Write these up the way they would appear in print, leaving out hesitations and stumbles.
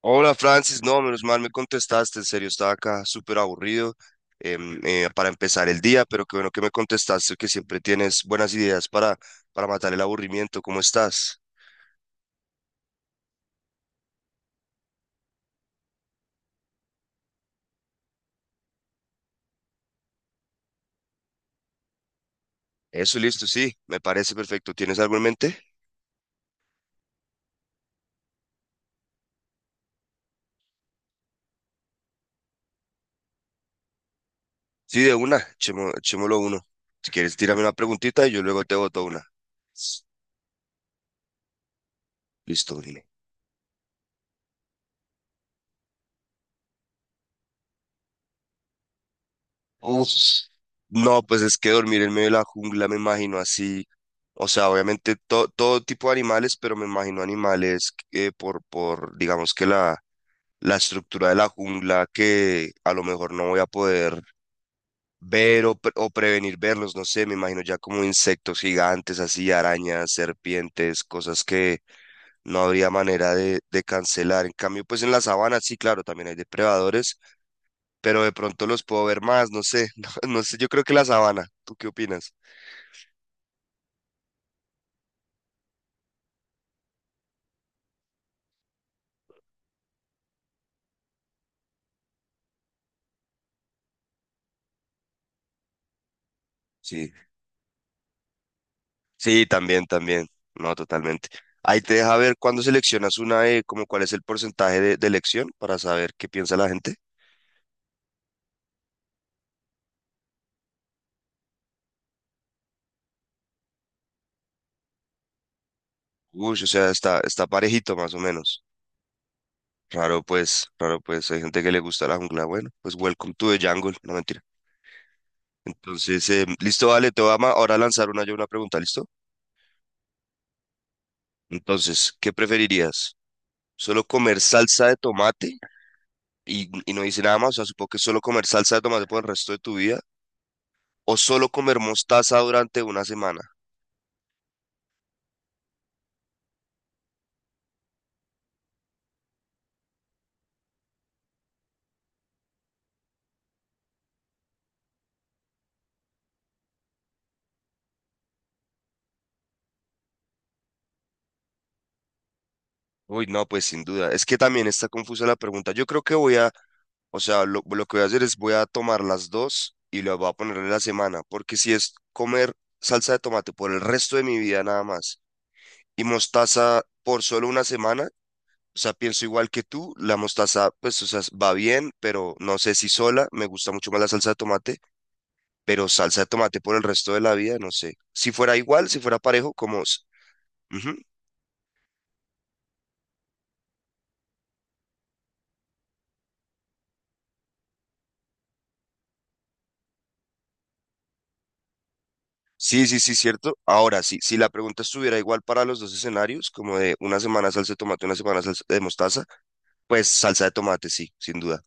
Hola Francis, no, menos mal me contestaste, en serio, estaba acá súper aburrido para empezar el día, pero qué bueno que me contestaste, que siempre tienes buenas ideas para matar el aburrimiento, ¿cómo estás? Eso, listo, sí, me parece perfecto, ¿tienes algo en mente? Sí, de una, echémoslo uno. Si quieres, tírame una preguntita y yo luego te boto una. Listo, dime. Uf, no, pues es que dormir en medio de la jungla me imagino así, o sea, obviamente todo tipo de animales, pero me imagino animales digamos que la estructura de la jungla que a lo mejor no voy a poder ver o prevenir verlos, no sé, me imagino ya como insectos gigantes, así, arañas, serpientes, cosas que no habría manera de cancelar. En cambio, pues en la sabana sí, claro, también hay depredadores pero de pronto los puedo ver más, no sé, no, no sé, yo creo que la sabana. ¿Tú qué opinas? Sí. Sí, también, también, no, totalmente. Ahí te deja ver cuando seleccionas una de, como cuál es el porcentaje de elección para saber qué piensa la gente. Uy, o sea, está, está parejito más o menos. Raro pues, hay gente que le gusta la jungla, bueno, pues welcome to the jungle, no mentira. Entonces, listo, vale, te voy a ma- ahora a lanzar una yo una pregunta, ¿listo? Entonces, ¿qué preferirías? ¿Solo comer salsa de tomate? Y no dice nada más, o sea, supongo que solo comer salsa de tomate por el resto de tu vida o solo comer mostaza durante una semana. Uy, no, pues sin duda. Es que también está confusa la pregunta. Yo creo que voy a, o sea, lo que voy a hacer es voy a tomar las dos y las voy a poner en la semana, porque si es comer salsa de tomate por el resto de mi vida nada más y mostaza por solo una semana, o sea, pienso igual que tú, la mostaza, pues, o sea, va bien, pero no sé si sola, me gusta mucho más la salsa de tomate, pero salsa de tomate por el resto de la vida, no sé. Si fuera igual, si fuera parejo, como s-. Ujú. Sí, sí, sí, cierto. Ahora sí, si la pregunta estuviera igual para los dos escenarios, como de una semana salsa de tomate, una semana salsa de mostaza, pues salsa de tomate, sí, sin duda.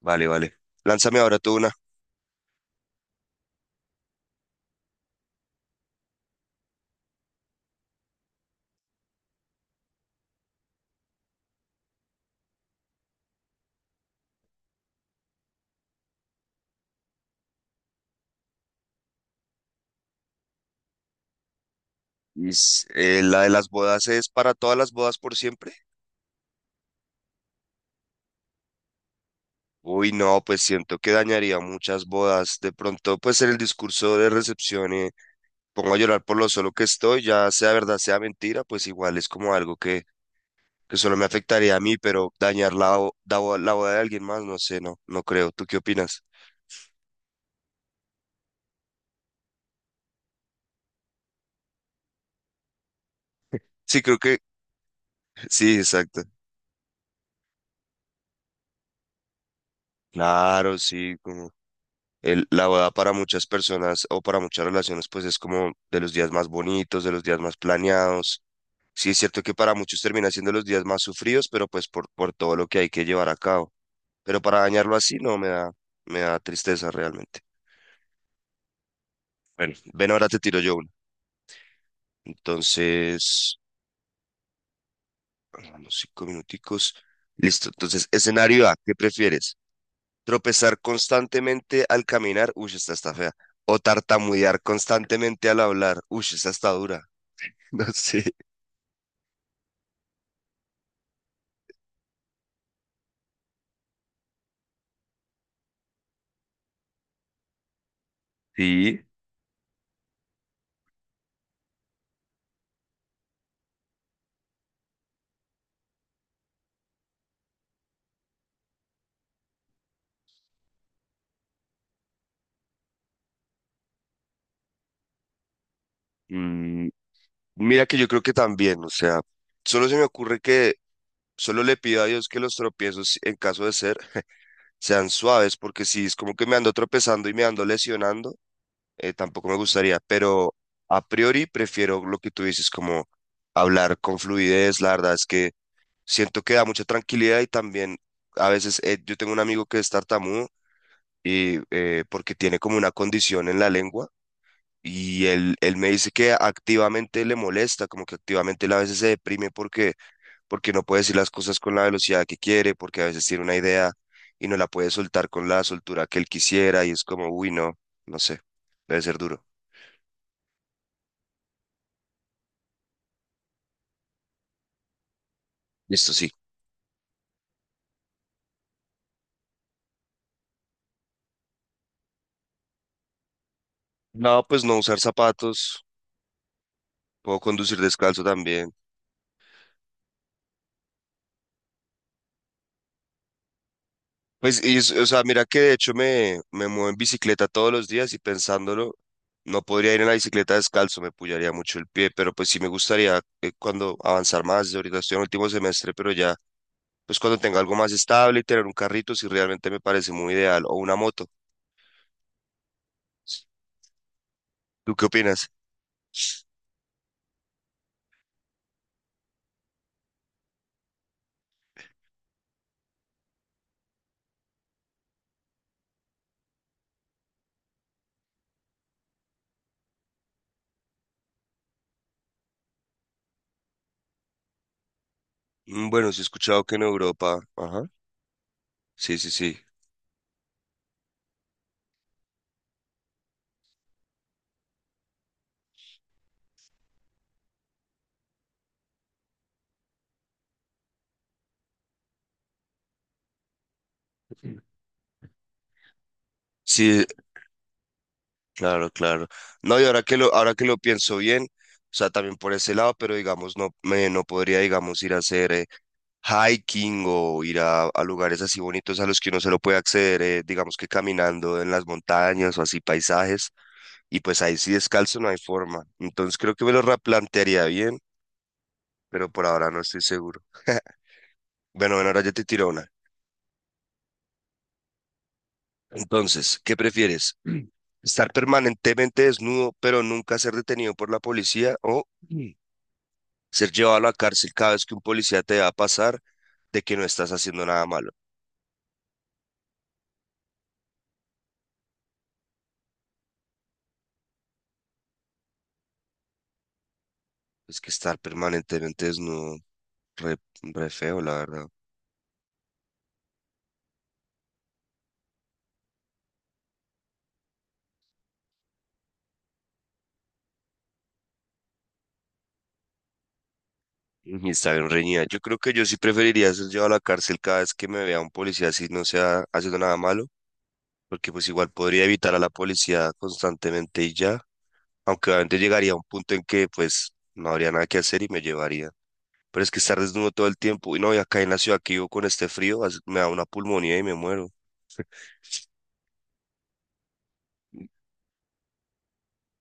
Vale, vale. Lánzame ahora tú una. ¿La de las bodas es para todas las bodas por siempre? Uy, no, pues siento que dañaría muchas bodas. De pronto, pues en el discurso de recepción, pongo a llorar por lo solo que estoy, ya sea verdad, sea mentira, pues igual es como algo que solo me afectaría a mí, pero dañar la boda de alguien más, no sé, no, no creo. ¿Tú qué opinas? Sí, creo que sí, exacto. Claro, sí, como la boda para muchas personas o para muchas relaciones, pues es como de los días más bonitos, de los días más planeados. Sí, es cierto que para muchos termina siendo los días más sufridos, pero pues por todo lo que hay que llevar a cabo. Pero para dañarlo así no me da, me da tristeza realmente. Bueno, ven, ahora te tiro yo una. Entonces. Vamos, cinco minuticos. Listo. Entonces, escenario A, ¿qué prefieres? ¿Tropezar constantemente al caminar? Uy, esta está fea. ¿O tartamudear constantemente al hablar? Uy, esta está dura. No sé. Sí. Mm, mira que yo creo que también, o sea, solo se me ocurre que solo le pido a Dios que los tropiezos, en caso de ser, sean suaves, porque si es como que me ando tropezando y me ando lesionando. Eh, tampoco me gustaría, pero a priori prefiero lo que tú dices, como hablar con fluidez, la verdad es que siento que da mucha tranquilidad y también a veces yo tengo un amigo que es tartamudo y porque tiene como una condición en la lengua y él me dice que activamente le molesta, como que activamente él a veces se deprime porque no puede decir las cosas con la velocidad que quiere, porque a veces tiene una idea y no la puede soltar con la soltura que él quisiera y es como, uy, no, no sé, debe ser duro. Listo, sí. No, pues no usar zapatos, puedo conducir descalzo también. Pues, o sea, mira que de hecho me muevo en bicicleta todos los días y pensándolo, no podría ir en la bicicleta descalzo, me pullaría mucho el pie, pero pues sí me gustaría cuando avanzar más, yo ahorita estoy en último semestre, pero ya, pues cuando tenga algo más estable y tener un carrito, si realmente me parece muy ideal, o una moto. ¿Tú qué opinas? Bueno, sí he escuchado que en Europa, ajá, sí, sí, sí. Sí. Claro, claro. No, y ahora que ahora que lo pienso bien, o sea, también por ese lado, pero digamos, no, me, no podría, digamos, ir a hacer hiking o ir a lugares así bonitos a los que uno se lo puede acceder, digamos que caminando en las montañas o así paisajes, y pues ahí sí descalzo no hay forma. Entonces creo que me lo replantearía bien, pero por ahora no estoy seguro. Bueno, bueno, ahora ya te tiro una. Entonces, ¿qué prefieres? ¿Estar permanentemente desnudo pero nunca ser detenido por la policía, o ser llevado a la cárcel cada vez que un policía te va a pasar de que no estás haciendo nada malo? Es que estar permanentemente desnudo, re, re feo, la verdad. Y está bien reñida. Yo creo que yo sí preferiría ser llevado a la cárcel cada vez que me vea un policía así no sea haciendo nada malo, porque pues igual podría evitar a la policía constantemente y ya, aunque obviamente llegaría a un punto en que pues no habría nada que hacer y me llevaría. Pero es que estar desnudo todo el tiempo, y no, y acá en la ciudad que vivo con este frío, as- me da una pulmonía y me muero.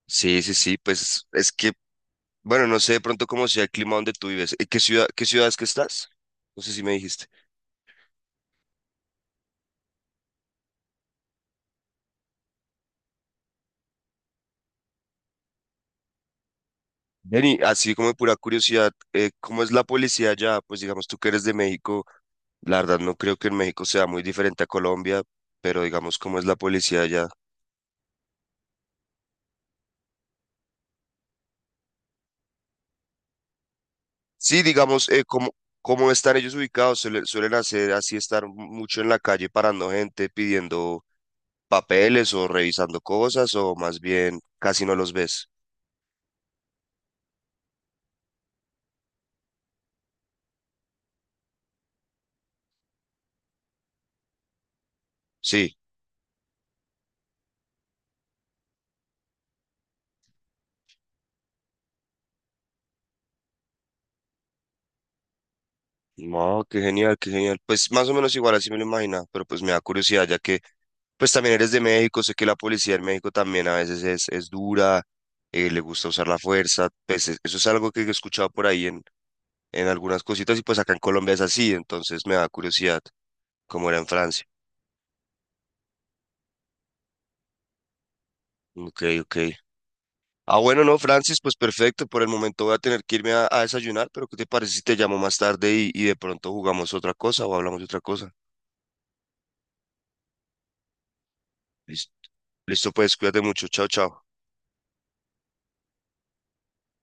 Sí, sí, sí, pues es que bueno, no sé de pronto cómo sea el clima donde tú vives. ¿En qué ciudad es que estás? No sé si me dijiste. Jenny, así como de pura curiosidad, ¿cómo es la policía allá? Pues digamos, tú que eres de México, la verdad no creo que en México sea muy diferente a Colombia, pero digamos, ¿cómo es la policía allá? Sí, digamos, ¿cómo, cómo están ellos ubicados? ¿Suelen hacer así, estar mucho en la calle parando gente, pidiendo papeles o revisando cosas, o más bien casi no los ves? Sí. No, qué genial, qué genial. Pues más o menos igual así me lo imaginaba, pero pues me da curiosidad, ya que pues también eres de México, sé que la policía en México también a veces es dura, le gusta usar la fuerza, pues eso es algo que he escuchado por ahí en algunas cositas y pues acá en Colombia es así, entonces me da curiosidad cómo era en Francia. Ok, ok. Ah, bueno, no, Francis, pues perfecto, por el momento voy a tener que irme a desayunar, pero ¿qué te parece si te llamo más tarde y de pronto jugamos otra cosa o hablamos de otra cosa? Listo, listo, pues cuídate mucho, chao, chao.